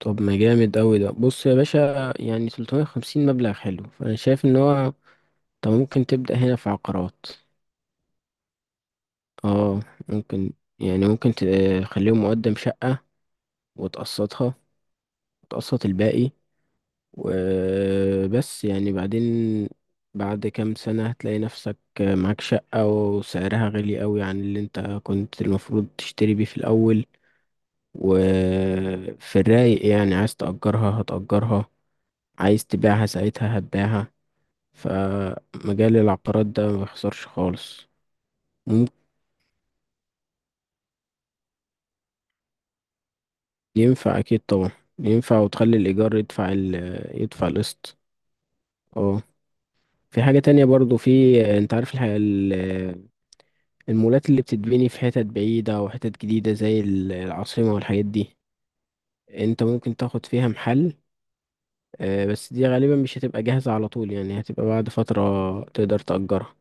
طب، ما جامد أوي ده. بص يا باشا، يعني 350 مبلغ حلو، فأنا شايف إن هو ممكن تبدأ هنا في عقارات. اه، ممكن، يعني ممكن تخليهم مقدم شقة وتقسطها وتقسط الباقي. وبس يعني بعدين، بعد كام سنة هتلاقي نفسك معاك شقة وسعرها غالي أوي عن اللي انت كنت المفروض تشتري بيه في الأول. وفي الرايق يعني، عايز تأجرها هتأجرها، عايز تبيعها ساعتها هتبيعها. فمجال العقارات ده ما بيخسرش خالص. ممكن، ينفع اكيد طبعا. ينفع، وتخلي الايجار يدفع يدفع القسط. اه. في حاجة تانية برضو، في، انت عارف الحاجة، المولات اللي بتتبني في حتت بعيدة وحتت جديدة زي العاصمة والحاجات دي، انت ممكن تاخد فيها محل. بس دي غالبا مش هتبقى جاهزة على طول، يعني هتبقى بعد فترة تقدر تأجرها.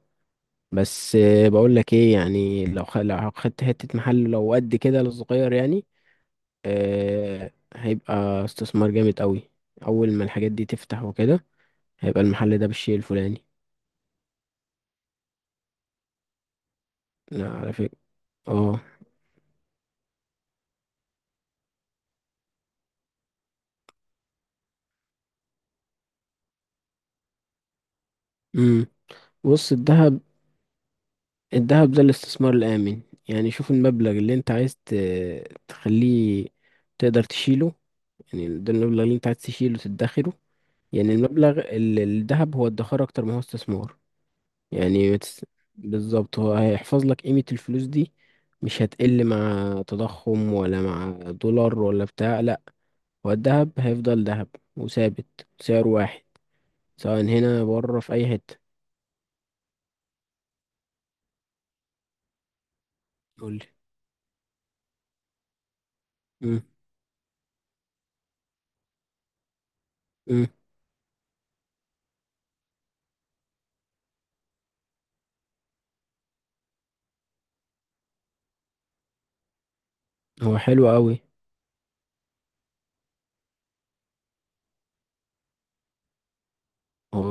بس بقول لك ايه، يعني لو خدت حتة محل لو قد كده الصغير يعني، هيبقى استثمار جامد قوي، اول ما الحاجات دي تفتح وكده هيبقى المحل ده بالشيء الفلاني. لا، على فكرة. اه. امم بص، الذهب، الذهب ده الاستثمار الآمن. يعني شوف المبلغ اللي انت تخليه تقدر تشيله، يعني ده المبلغ اللي انت عايز تشيله تدخره. يعني المبلغ الذهب هو ادخار اكتر ما هو استثمار. يعني بتس- بالظبط، هو هيحفظ لك قيمة الفلوس دي، مش هتقل مع تضخم ولا مع دولار ولا بتاع، لا. هو الذهب هيفضل ذهب، وثابت سعر واحد، سواء هنا بره في أي حتة. قولي. مم. مم. هو حلو قوي. هو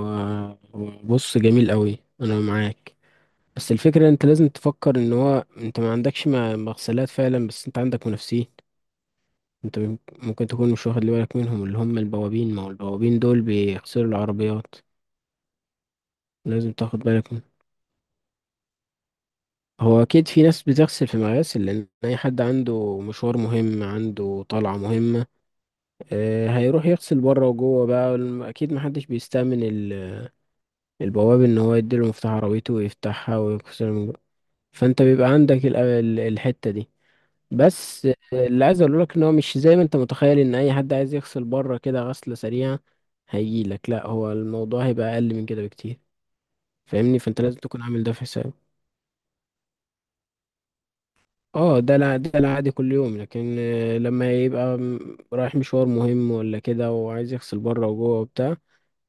هو بص، جميل قوي، أنا معاك. بس الفكرة، أنت لازم تفكر إن هو أنت ما عندكش مغسلات فعلا، بس أنت عندك منافسين. أنت ممكن تكون مش واخد بالك منهم، اللي هم البوابين، ما هو البوابين دول بيغسلوا العربيات. لازم تاخد بالك منه. هو اكيد في ناس بتغسل في مغاسل، لان اي حد عنده مشوار مهم عنده طلعة مهمة هيروح يغسل بره وجوه. بقى اكيد محدش بيستأمن البواب ان هو يديله مفتاح عربيته ويفتحها ويغسل من جوه. فانت بيبقى عندك الحتة دي. بس اللي عايز اقوله لك ان هو مش زي ما انت متخيل ان اي حد عايز يغسل بره كده غسلة سريعة هيجيلك، لا، هو الموضوع هيبقى اقل من كده بكتير، فاهمني، فانت لازم تكون عامل ده في حسابك. اه، ده العادي كل يوم، لكن لما يبقى رايح مشوار مهم ولا كده وعايز يغسل بره وجوه وبتاع،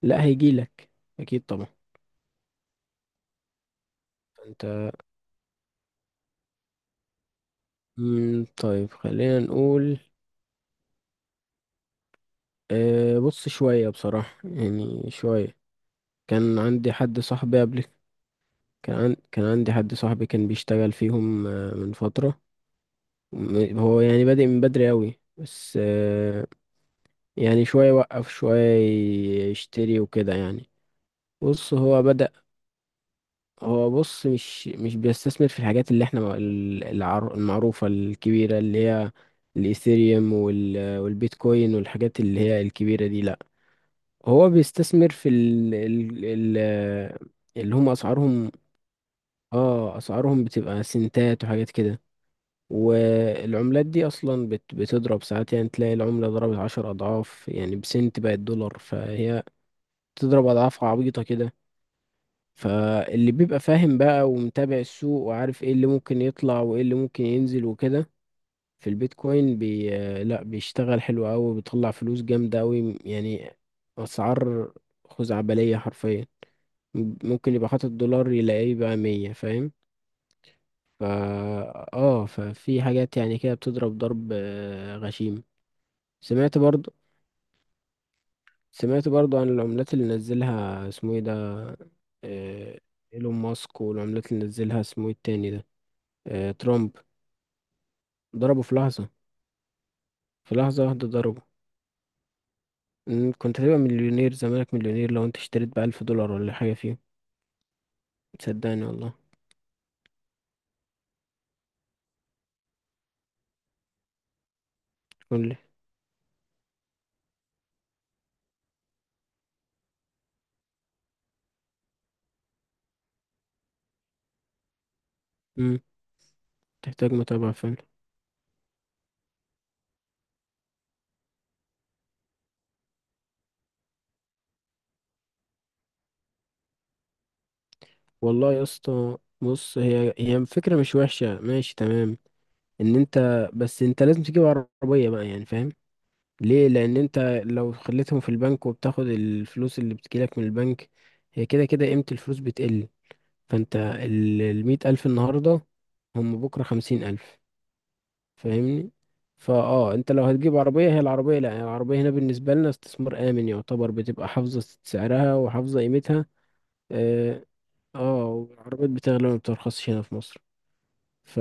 لا، هيجيلك، اكيد طبعا. انت، طيب، خلينا نقول. بص، شوية بصراحة يعني، شوية. كان عندي حد صاحبي قبل. كان عندي حد صاحبي كان بيشتغل فيهم من فترة، هو يعني بادئ من بدري أوي، بس يعني شوية وقف شوية، يشتري وكده يعني. بص هو بدأ. هو بص، مش بيستثمر في الحاجات اللي احنا المعروفة الكبيرة، اللي هي الإيثيريوم والبيتكوين والحاجات اللي هي الكبيرة دي، لأ. هو بيستثمر في ال ال ال اللي هم أسعارهم، اه، أسعارهم بتبقى سنتات وحاجات كده. والعملات دي أصلا بتضرب ساعات، يعني تلاقي العملة ضربت عشر أضعاف يعني، بسنت بقت دولار، فهي بتضرب أضعاف عبيطة كده. فاللي بيبقى فاهم بقى، ومتابع السوق، وعارف ايه اللي ممكن يطلع وايه اللي ممكن ينزل وكده، في البيتكوين، بي آه، لا، بيشتغل حلو قوي، بيطلع فلوس جامدة قوي يعني، اسعار خزعبلية حرفيا. ممكن يبقى حاطط دولار يلاقيه بقى مية، فاهم. فا اه، ففي حاجات يعني كده بتضرب ضرب غشيم. سمعت برضو، سمعت برضو عن العملات اللي نزلها اسمه ايه ده، آه، ايلون ماسك. والعملات اللي نزلها اسمه ايه التاني ده، ترامب. ضربه في لحظة، في لحظة واحدة ضربه. إن كنت هتبقى مليونير، زمانك مليونير لو انت اشتريت بألف دولار ولا حاجة فيه. صدقني والله. قول لي. مم. تحتاج متابعة فعلا. والله يا اسطى، بص، هي الفكرة مش وحشة، ماشي، تمام. ان انت، بس انت لازم تجيب عربية بقى، يعني، فاهم؟ ليه؟ لان انت لو خليتهم في البنك وبتاخد الفلوس اللي بتجيلك من البنك، هي كده كده قيمة الفلوس بتقل. فانت، المية ألف النهاردة، هم بكرة خمسين ألف، فاهمني. انت لو هتجيب عربيه، هي العربيه، لا يعني، العربيه هنا بالنسبه لنا استثمار امن يعتبر، بتبقى حافظه سعرها وحافظه قيمتها. اه، والعربيات بتغلى ما بترخصش هنا في مصر. ف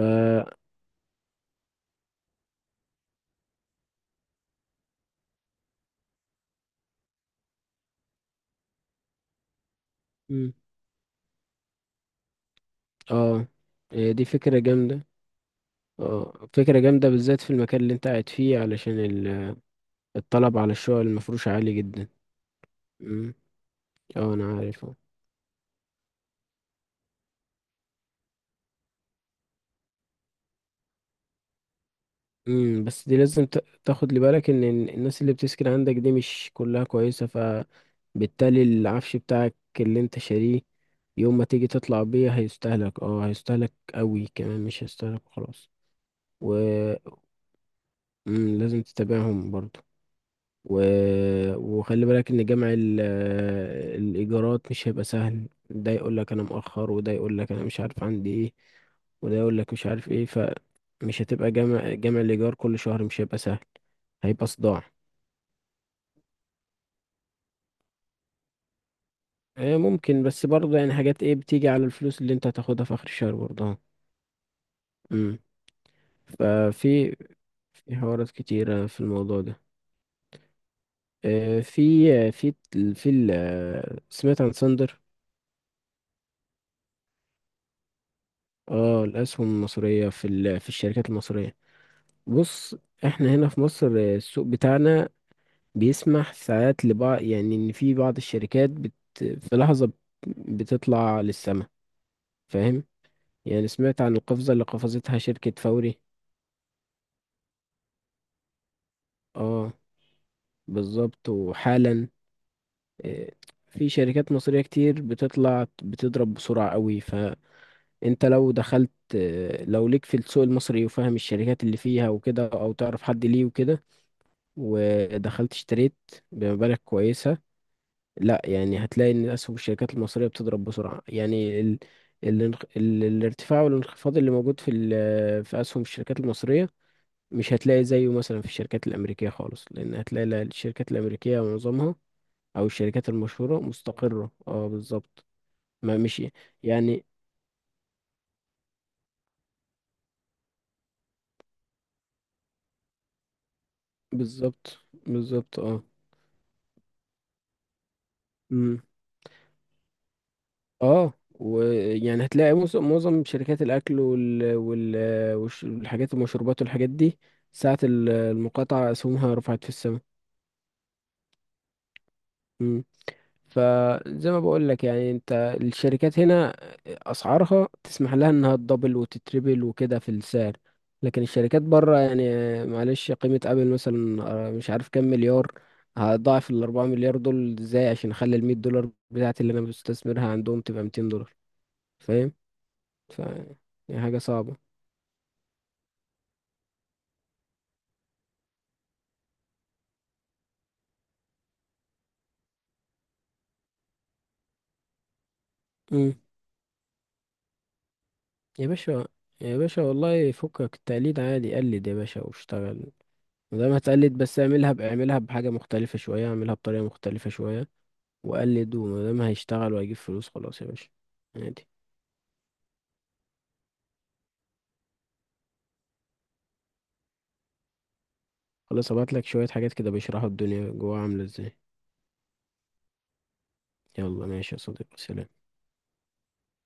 مم. اه، هي دي فكره جامده. اه، فكره جامده، بالذات في المكان اللي انت قاعد فيه، علشان الطلب على الشقق المفروش عالي جدا. مم. اه، انا عارف. امم، بس دي لازم تاخد لي بالك ان إن الناس اللي بتسكن عندك دي مش كلها كويسة، فبالتالي العفش بتاعك اللي انت شاريه، يوم ما تيجي تطلع بيه هيستهلك، اه، هيستهلك قوي كمان، مش هيستهلك خلاص. و مم، لازم تتابعهم برضو. و... وخلي بالك ان جمع الايجارات مش هيبقى سهل. ده يقول لك انا مؤخر، وده يقول لك انا مش عارف عندي ايه، وده يقول لك مش عارف ايه، فمش هتبقى جمع الايجار كل شهر، مش هيبقى سهل، هيبقى صداع. ممكن، بس برضه يعني، حاجات ايه بتيجي على الفلوس اللي انت هتاخدها في اخر الشهر برضه. امم. ففي، في حوارات كتيرة في الموضوع ده، آه، في في في سمعت عن ساندر. اه، الاسهم المصرية، في في الشركات المصرية. بص، احنا هنا في مصر، السوق بتاعنا بيسمح ساعات لبعض، يعني ان في بعض الشركات في لحظة بتطلع للسماء، فاهم، يعني سمعت عن القفزة اللي قفزتها شركة فوري. اه، بالظبط، وحالا آه، في شركات مصرية كتير بتطلع، بتضرب بسرعة قوي. فانت لو دخلت، لو ليك في السوق المصري وفاهم الشركات اللي فيها وكده، او تعرف حد ليه وكده، ودخلت اشتريت بمبالغ كويسة، لا يعني، هتلاقي ان اسهم الشركات المصريه بتضرب بسرعه. يعني الارتفاع والانخفاض اللي موجود في في اسهم الشركات المصريه، مش هتلاقي زيه مثلا في الشركات الامريكيه خالص، لان هتلاقي، الشركات الامريكيه معظمها، او الشركات المشهوره، مستقره، اه بالظبط. ما مش يعني، بالظبط بالظبط اه. امم. اه، ويعني هتلاقي معظم شركات الاكل والحاجات، المشروبات والحاجات دي، ساعة المقاطعة أسهمها رفعت في السماء. مم. فزي ما بقول لك، يعني، انت، الشركات هنا اسعارها تسمح لها انها تدبل وتتربل وكده في السعر. لكن الشركات بره يعني، معلش، قيمة ابل مثلا مش عارف كام مليار، هضاعف ال 4 مليار دول ازاي عشان اخلي ال 100 دولار بتاعتي اللي انا بستثمرها عندهم تبقى 200 دولار، فاهم. ف يعني حاجة صعبة. مم. يا باشا، يا باشا والله، فكك التقليد عادي، قلد يا باشا واشتغل. وزي ما هتقلد، بس اعملها اعملها بحاجة مختلفة شوية، اعملها بطريقة مختلفة شوية وقلد، وما دام هيشتغل وهيجيب فلوس خلاص، يا باشا، عادي. خلاص، ابعت لك شوية حاجات كده بيشرحوا الدنيا جواها عاملة ازاي. يلا ماشي يا صديقي، سلام.